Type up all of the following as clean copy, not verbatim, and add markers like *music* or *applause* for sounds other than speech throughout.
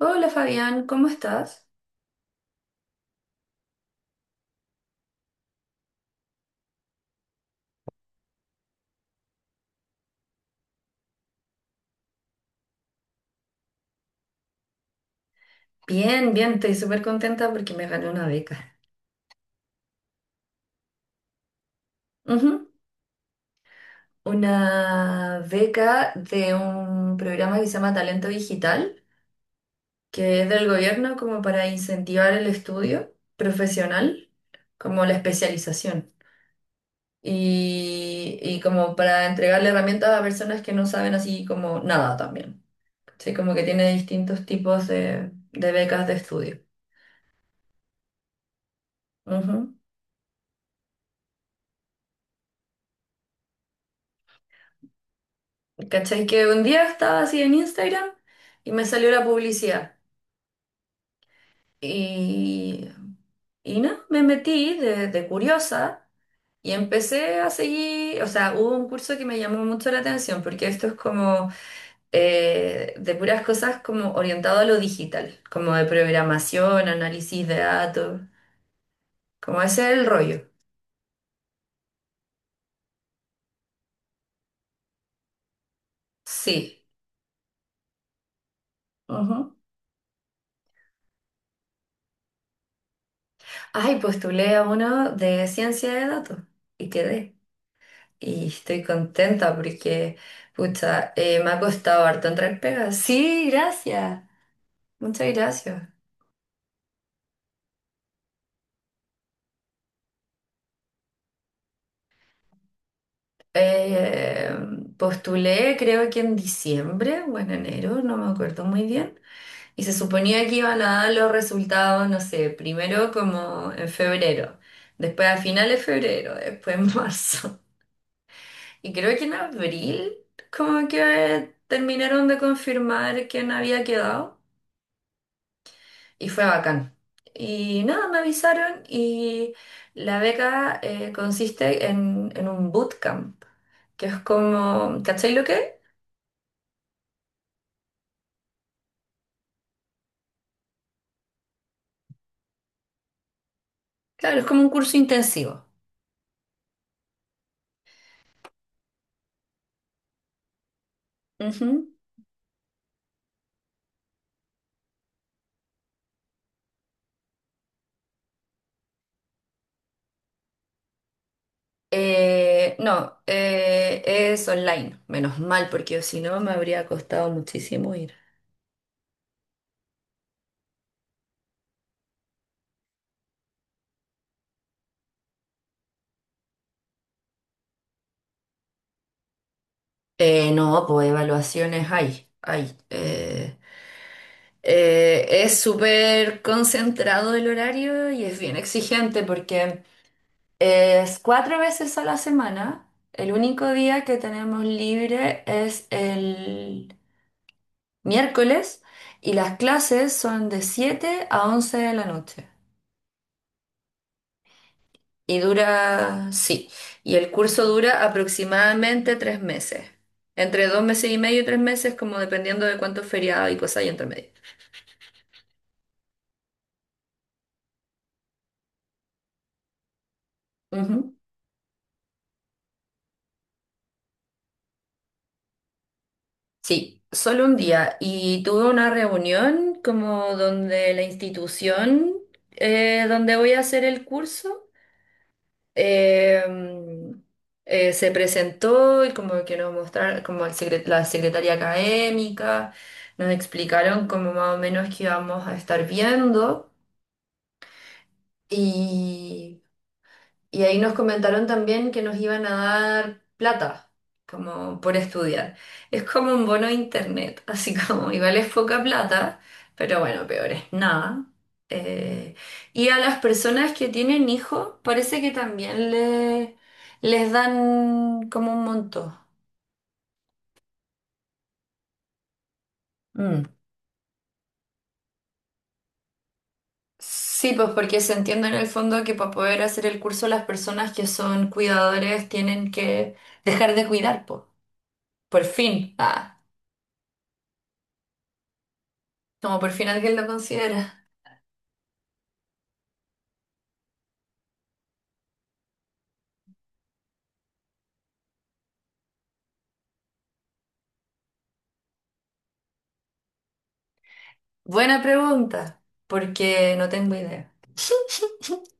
Hola Fabián, ¿cómo estás? Bien, bien, estoy súper contenta porque me gané una beca. Ujú. Una beca de un programa que se llama Talento Digital, que es del gobierno como para incentivar el estudio profesional, como la especialización. Y como para entregarle herramientas a personas que no saben así como nada también. Sí, como que tiene distintos tipos de becas de estudio. Ujú. ¿Cachai? Que un día estaba así en Instagram y me salió la publicidad. Y, y no, Me metí de curiosa y empecé a seguir, o sea, hubo un curso que me llamó mucho la atención porque esto es como de puras cosas como orientado a lo digital, como de programación, análisis de datos, como ese es el rollo. Sí. Ujú. Ay, postulé a uno de ciencia de datos y quedé. Y estoy contenta porque, pucha, me ha costado harto entrar pega. Sí, gracias. Muchas gracias. Eh, Postulé creo que en diciembre o en enero, no me acuerdo muy bien. Y se suponía que iban a dar los resultados, no sé, primero como en febrero, después a finales de febrero, después en marzo. *laughs* Y creo que en abril como que terminaron de confirmar quién había quedado. Y fue bacán. Y nada, me avisaron y la beca consiste en un bootcamp, que es como, ¿cachai lo que es? Claro, es como un curso intensivo. Ujú. No, es online, menos mal, porque si no me habría costado muchísimo ir. No, pues evaluaciones hay, hay. Es súper concentrado el horario y es bien exigente porque... es 4 veces a la semana. El único día que tenemos libre es el miércoles y las clases son de 7 a 11 de la noche. Y dura, sí, y el curso dura aproximadamente 3 meses. Entre 2 meses y medio y 3 meses, como dependiendo de cuántos feriados y cosas hay entre medio. Ujú. Sí, solo un día. Y tuve una reunión como donde la institución donde voy a hacer el curso. Em, Se presentó y como que nos mostraron, como el la secretaria académica, nos explicaron como más o menos que íbamos a estar viendo y ahí nos comentaron también que nos iban a dar plata, como por estudiar. Es como un bono de internet, *laughs* así como igual es poca plata, pero bueno, peor es nada. Eh, y a las personas que tienen hijos, parece que también les dan como un monto. Mm. Sí, pues porque se entiende en el fondo que para poder hacer el curso las personas que son cuidadores tienen que dejar de cuidar, po, por fin. Ah. Como por fin alguien lo considera. Buena pregunta, porque no tengo idea. *laughs*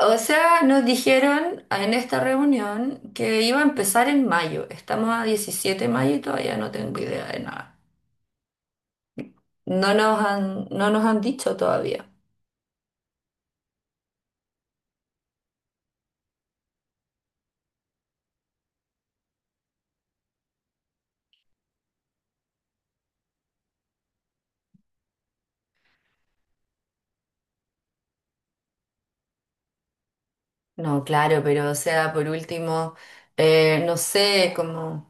O sea, nos dijeron en esta reunión que iba a empezar en mayo. Estamos a 17 de mayo y todavía no tengo idea de nada. No nos han dicho todavía. No, claro, pero o sea, por último, no sé, como...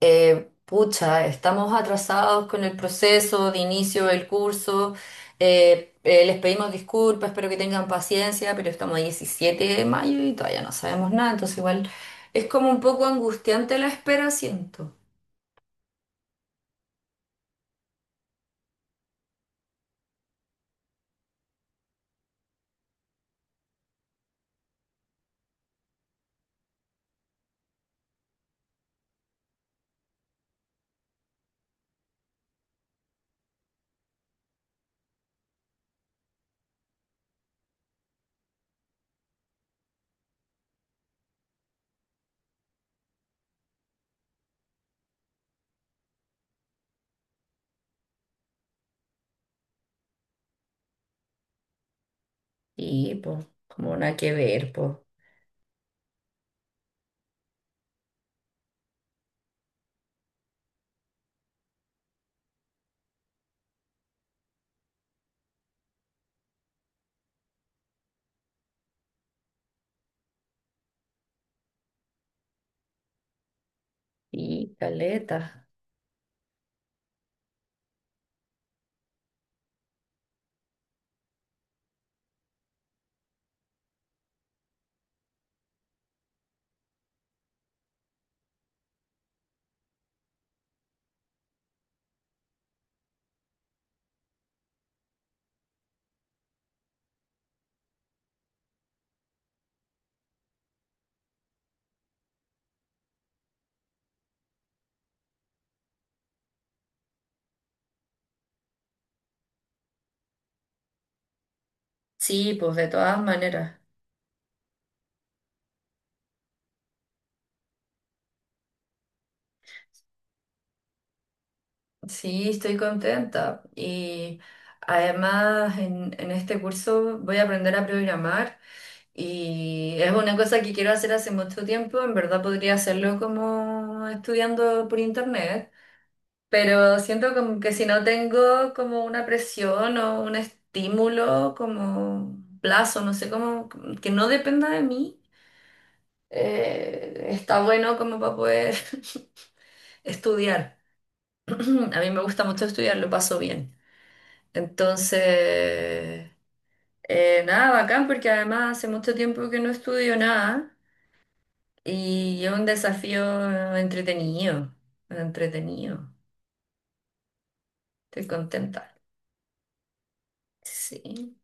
pucha, estamos atrasados con el proceso de inicio del curso, les pedimos disculpas, espero que tengan paciencia, pero estamos a 17 de mayo y todavía no sabemos nada, entonces igual es como un poco angustiante la espera, siento. Y pues, como nada que ver, pues. Y caleta. Sí, pues de todas maneras. Sí, estoy contenta. Y además en este curso voy a aprender a programar. Y es una cosa que quiero hacer hace mucho tiempo, en verdad podría hacerlo como estudiando por internet, pero siento como que si no tengo como una presión o un estímulo, como plazo, no sé cómo, que no dependa de mí, está bueno como para poder *laughs* estudiar. *clears throat* A mí me gusta mucho estudiar, lo paso bien. Entonces, nada, bacán, porque además hace mucho tiempo que no estudio nada. Y es un desafío entretenido, entretenido. Estoy contenta. Sí.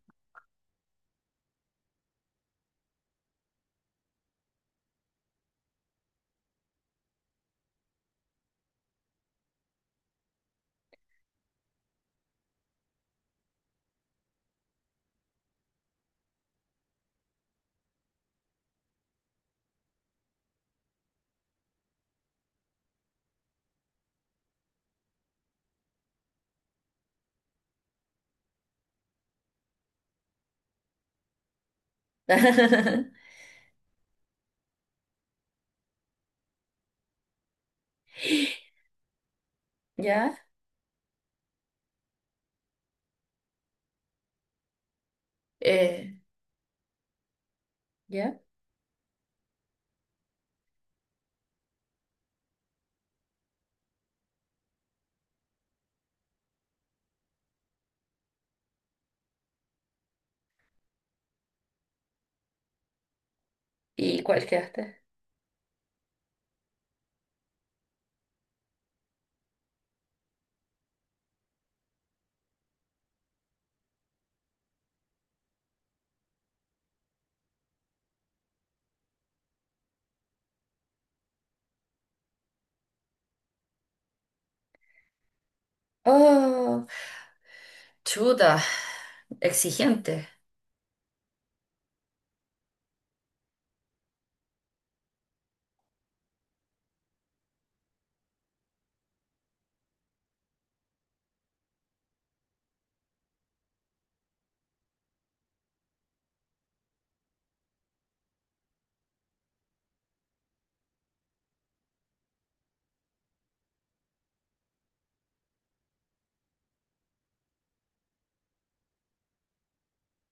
*laughs* ¿Ya? Eh, ¿Ya? ¿Y cuál quedaste? Oh, chuta, exigente.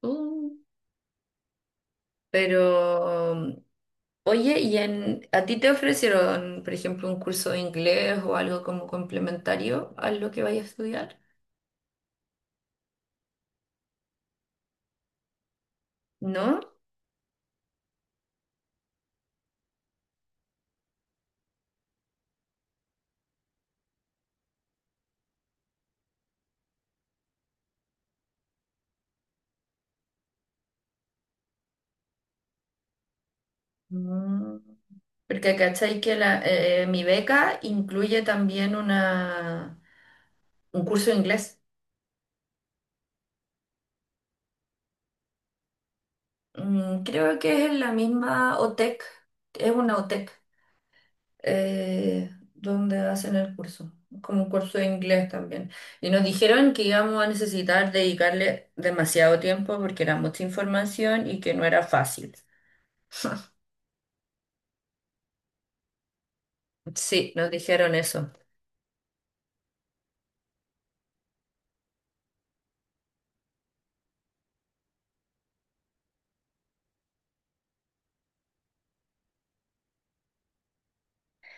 Uh, pero, oye, ¿y en, a ti te ofrecieron, por ejemplo, un curso de inglés o algo como complementario a lo que vayas a estudiar? ¿No? Mm. Porque cachai que la, mi beca incluye también una, un curso de inglés. Mm, creo que es en la misma OTEC, es una OTEC, donde hacen el curso, como un curso de inglés también. Y nos dijeron que íbamos a necesitar dedicarle demasiado tiempo porque era mucha información y que no era fácil. Sí, nos dijeron eso.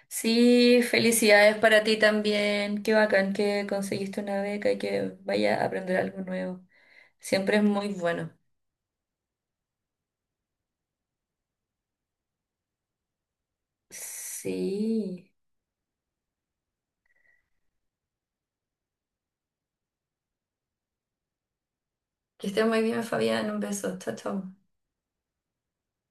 Sí, felicidades para ti también. Qué bacán que conseguiste una beca y que vaya a aprender algo nuevo. Siempre es muy bueno. Sí. Que esté muy bien, Fabián. Un beso. Chao, chao.